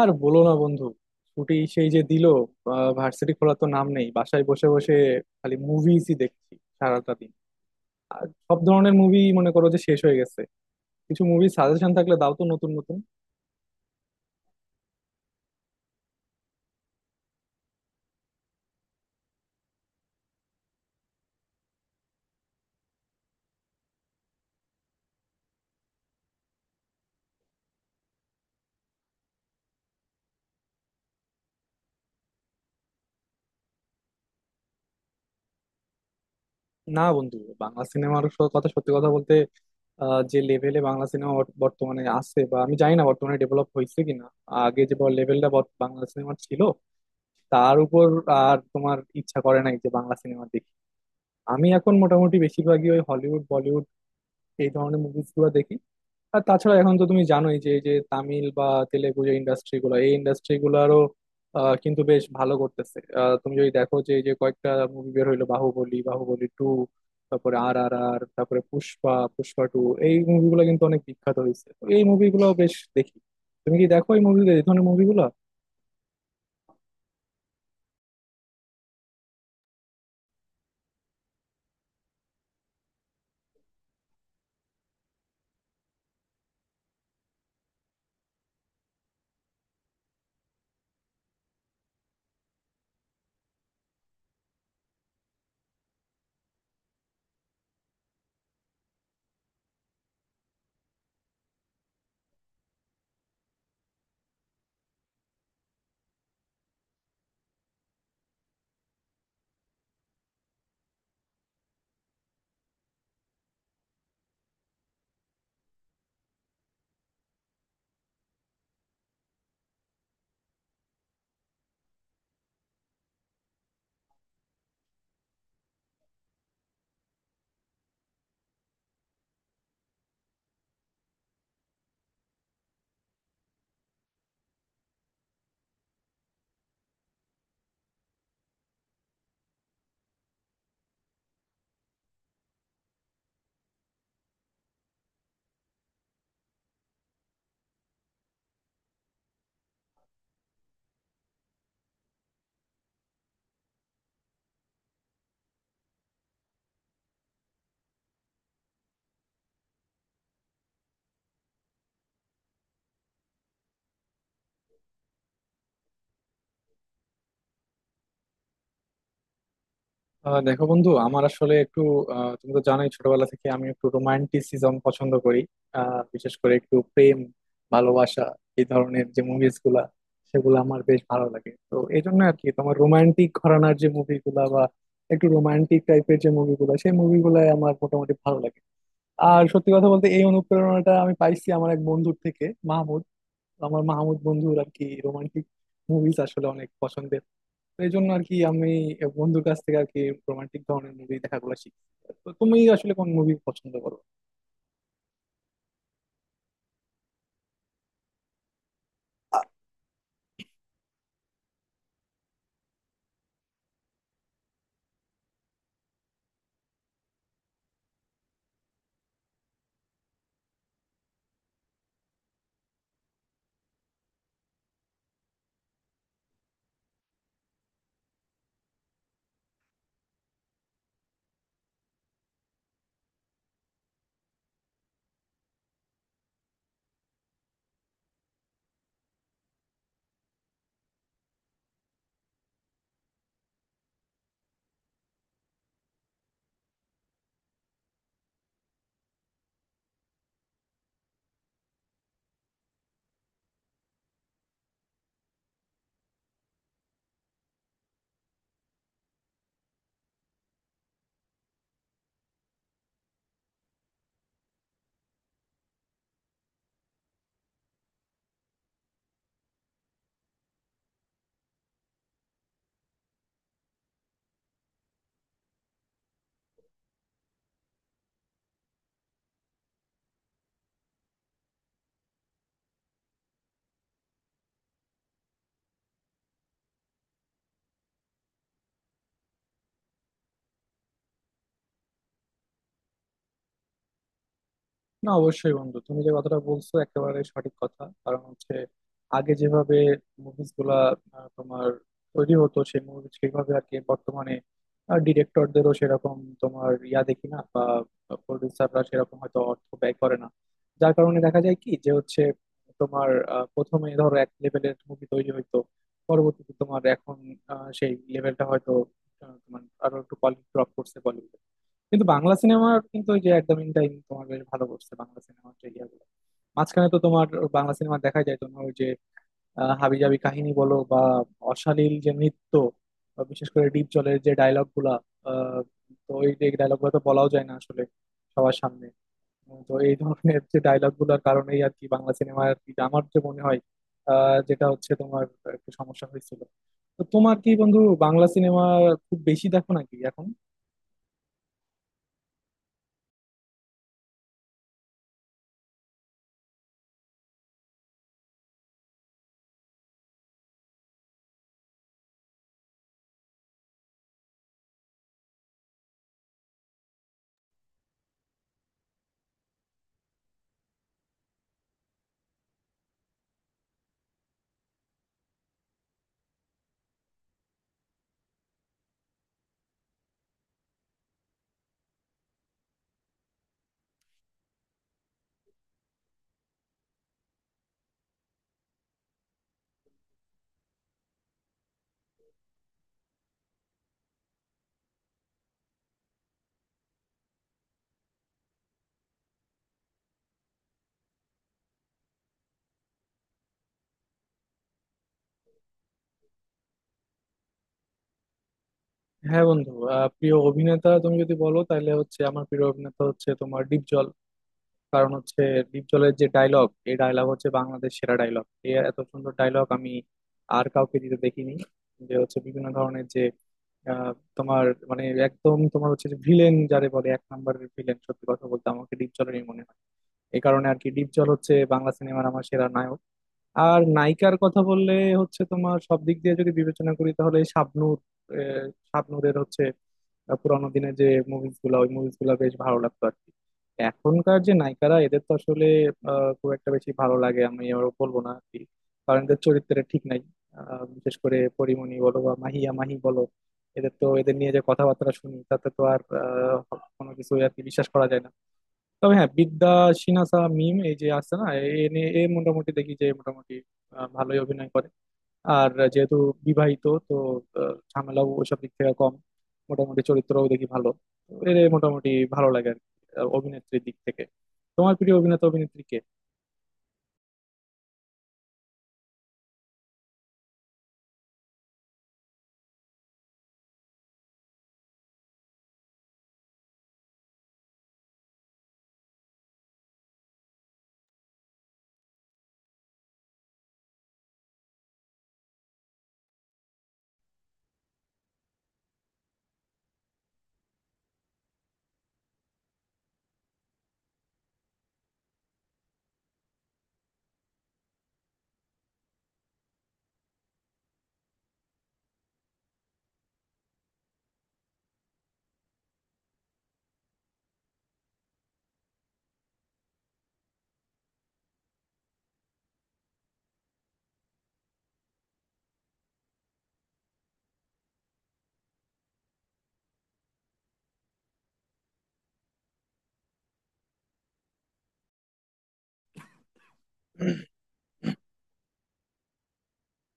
আর বলো না বন্ধু, ছুটি সেই যে দিল, ভার্সিটি খোলা তো নাম নেই। বাসায় বসে বসে খালি মুভিজই দেখছি সারাটা দিন। আর সব ধরনের মুভি মনে করো যে শেষ হয়ে গেছে। কিছু মুভি সাজেশন থাকলে দাও তো নতুন নতুন। না বন্ধু, বাংলা সিনেমার কথা, সত্যি কথা বলতে, যে লেভেলে বাংলা সিনেমা বর্তমানে আছে, বা আমি জানি না বর্তমানে ডেভেলপ হয়েছে কিনা, আগে যে লেভেলটা বাংলা সিনেমার ছিল তার উপর আর তোমার ইচ্ছা করে নাই যে বাংলা সিনেমা দেখি। আমি এখন মোটামুটি বেশিরভাগই ওই হলিউড এই ধরনের মুভিস গুলো দেখি। আর তাছাড়া এখন তো তুমি জানোই যে এই যে তামিল বা তেলেগু যে ইন্ডাস্ট্রি গুলো, এই ইন্ডাস্ট্রি গুলারও কিন্তু বেশ ভালো করতেছে। তুমি যদি দেখো যে এই যে কয়েকটা মুভি বের হইলো, বাহুবলী, বাহুবলী টু, তারপরে আর আর আর তারপরে পুষ্পা, পুষ্পা টু, এই মুভিগুলো কিন্তু অনেক বিখ্যাত হয়েছে। তো এই মুভিগুলো বেশ দেখি। তুমি কি দেখো এই মুভি, এই ধরনের মুভিগুলো? আহ দেখো বন্ধু, আমার আসলে একটু, তুমি তো জানোই ছোটবেলা থেকে আমি একটু রোমান্টিসিজম পছন্দ করি। বিশেষ করে একটু প্রেম ভালোবাসা এই ধরনের যে মুভিজ গুলা, সেগুলো আমার বেশ ভালো লাগে। তো এই জন্য আর কি, তোমার রোমান্টিক ঘরানার যে মুভিগুলা বা একটু রোমান্টিক টাইপের যে মুভিগুলা, সেই মুভিগুলো আমার মোটামুটি ভালো লাগে। আর সত্যি কথা বলতে, এই অনুপ্রেরণাটা আমি পাইছি আমার এক বন্ধুর থেকে, মাহমুদ। আমার মাহমুদ বন্ধুর আর কি রোমান্টিক মুভিজ আসলে অনেক পছন্দের। এই জন্য আর কি আমি বন্ধুর কাছ থেকে আর কি রোমান্টিক ধরনের মুভি দেখাগুলো শিখি। তো তুমি আসলে কোন মুভি পছন্দ করো? না, অবশ্যই বন্ধু, তুমি যে কথাটা বলছো একেবারে সঠিক কথা। কারণ হচ্ছে, আগে যেভাবে মুভিজ গুলা তোমার তৈরি হতো সেই মুভি সেইভাবে আর কি বর্তমানে ডিরেক্টরদেরও সেরকম তোমার ইয়া দেখি না, বা প্রডিউসাররা সেরকম হয়তো অর্থ ব্যয় করে না। যার কারণে দেখা যায় কি, যে হচ্ছে তোমার প্রথমে ধরো এক লেভেলের মুভি তৈরি হইতো, পরবর্তীতে তোমার এখন সেই লেভেলটা হয়তো তোমার আরো একটু কোয়ালিটি ড্রপ করছে বলিউড। কিন্তু বাংলা সিনেমার কিন্তু ওই যে একদম ইন টাইম তোমার বেশ ভালো করছে, বাংলা সিনেমার যে ইয়াগুলো। মাঝখানে তো তোমার বাংলা সিনেমা দেখা যায় তোমার ওই যে হাবিজাবি কাহিনী বলো, বা অশালীল যে নৃত্য, বা বিশেষ করে ডিপ জলের যে ডায়লগ গুলা, আহ, তো এই যে ডায়লগ গুলো তো বলাও যায় না আসলে সবার সামনে। তো এই ধরনের যে ডায়লগ গুলোর কারণেই আর কি বাংলা সিনেমা আর কি আমার যে মনে হয় যেটা হচ্ছে তোমার একটু সমস্যা হয়েছিল। তো তোমার কি বন্ধু বাংলা সিনেমা খুব বেশি দেখো নাকি এখন? হ্যাঁ বন্ধু, প্রিয় অভিনেতা তুমি যদি বলো তাহলে হচ্ছে আমার প্রিয় অভিনেতা হচ্ছে তোমার ডিপজল। কারণ হচ্ছে ডিপজলের যে ডায়লগ, এই ডায়লগ হচ্ছে বাংলাদেশ সেরা ডায়লগ। এত সুন্দর ডায়লগ আমি আর কাউকে দিতে দেখিনি। যে হচ্ছে বিভিন্ন ধরনের যে আহ, তোমার মানে একদম তোমার হচ্ছে যে ভিলেন, যারে বলে এক নম্বরের ভিলেন, সত্যি কথা বলতে আমাকে ডিপজলেরই মনে হয়। এই কারণে আর কি ডিপজল হচ্ছে বাংলা সিনেমার আমার সেরা নায়ক। আর নায়িকার কথা বললে হচ্ছে তোমার সব দিক দিয়ে যদি বিবেচনা করি তাহলে শাবনূর। শাবনূরের হচ্ছে পুরানো দিনে যে মুভিজ গুলা, ওই মুভিজ গুলা বেশ ভালো লাগতো আর কি। এখনকার যে নায়িকারা এদের তো আসলে খুব একটা বেশি ভালো লাগে আমি আবার বলবো না আর কি। কারণ এদের চরিত্রের ঠিক নাই। বিশেষ করে পরিমণি বলো বা মাহিয়া মাহি বলো, এদের তো, এদের নিয়ে যে কথাবার্তা শুনি তাতে তো আর কোনো কিছু আর কি বিশ্বাস করা যায় না। তবে হ্যাঁ, বিদ্যা সিনহা মিম এই যে আছে না, এ মোটামুটি দেখি যে মোটামুটি ভালোই অভিনয় করে। আর যেহেতু বিবাহিত তো ঝামেলাও ওইসব দিক থেকে কম। মোটামুটি চরিত্রও দেখি ভালো। তো এর মোটামুটি ভালো লাগে আর কি, অভিনেত্রীর দিক থেকে। তোমার প্রিয় অভিনেতা অভিনেত্রী কে?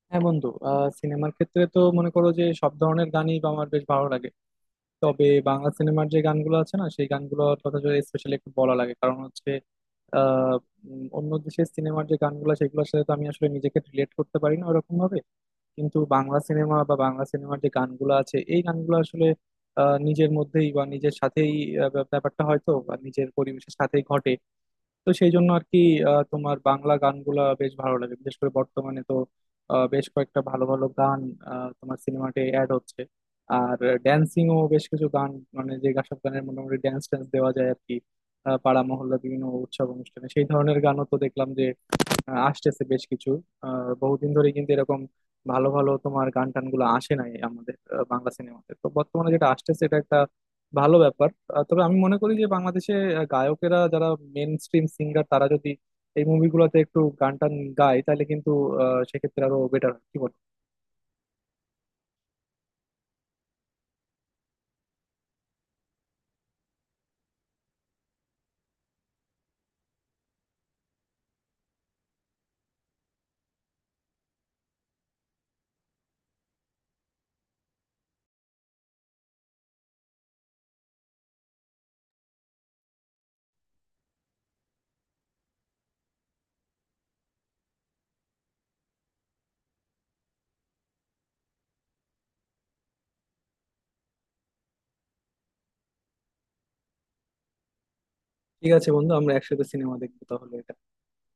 হ্যাঁ বন্ধু, আহ, সিনেমার ক্ষেত্রে তো মনে করো যে সব ধরনের গানই আমার বেশ ভালো লাগে। তবে বাংলা সিনেমার যে গানগুলো আছে না, সেই গানগুলোর কথা যদি স্পেশালি একটু বলা লাগে। কারণ হচ্ছে আহ, অন্য দেশের সিনেমার যে গানগুলো, সেগুলোর সাথে তো আমি আসলে নিজেকে রিলেট করতে পারি না ওরকম ভাবে। কিন্তু বাংলা সিনেমা বা বাংলা সিনেমার যে গানগুলো আছে, এই গানগুলো আসলে নিজের মধ্যেই বা নিজের সাথেই ব্যাপারটা হয়তো বা নিজের পরিবেশের সাথেই ঘটে। তো সেই জন্য আর কি তোমার বাংলা গানগুলা বেশ ভালো লাগে। বিশেষ করে বর্তমানে তো বেশ কয়েকটা ভালো ভালো গান তোমার সিনেমাতে অ্যাড হচ্ছে। আর ড্যান্সিংও বেশ কিছু গান, মানে যে সব গানের মোটামুটি ড্যান্স ট্যান্স দেওয়া যায় আর কি। পাড়া মহল্লা বিভিন্ন উৎসব অনুষ্ঠানে সেই ধরনের গানও তো দেখলাম যে আসতেছে বেশ কিছু। বহুদিন ধরে কিন্তু এরকম ভালো ভালো তোমার গান টান গুলো আসে নাই আমাদের। বাংলা সিনেমাতে তো বর্তমানে যেটা আসতেছে, এটা একটা ভালো ব্যাপার। তবে আমি মনে করি যে বাংলাদেশে গায়কেরা যারা মেন স্ট্রিম সিঙ্গার, তারা যদি এই মুভিগুলোতে একটু গান টান গায় তাহলে কিন্তু সেক্ষেত্রে আরো বেটার। কি বল? ঠিক আছে বন্ধু, আমরা একসাথে সিনেমা দেখবো তাহলে।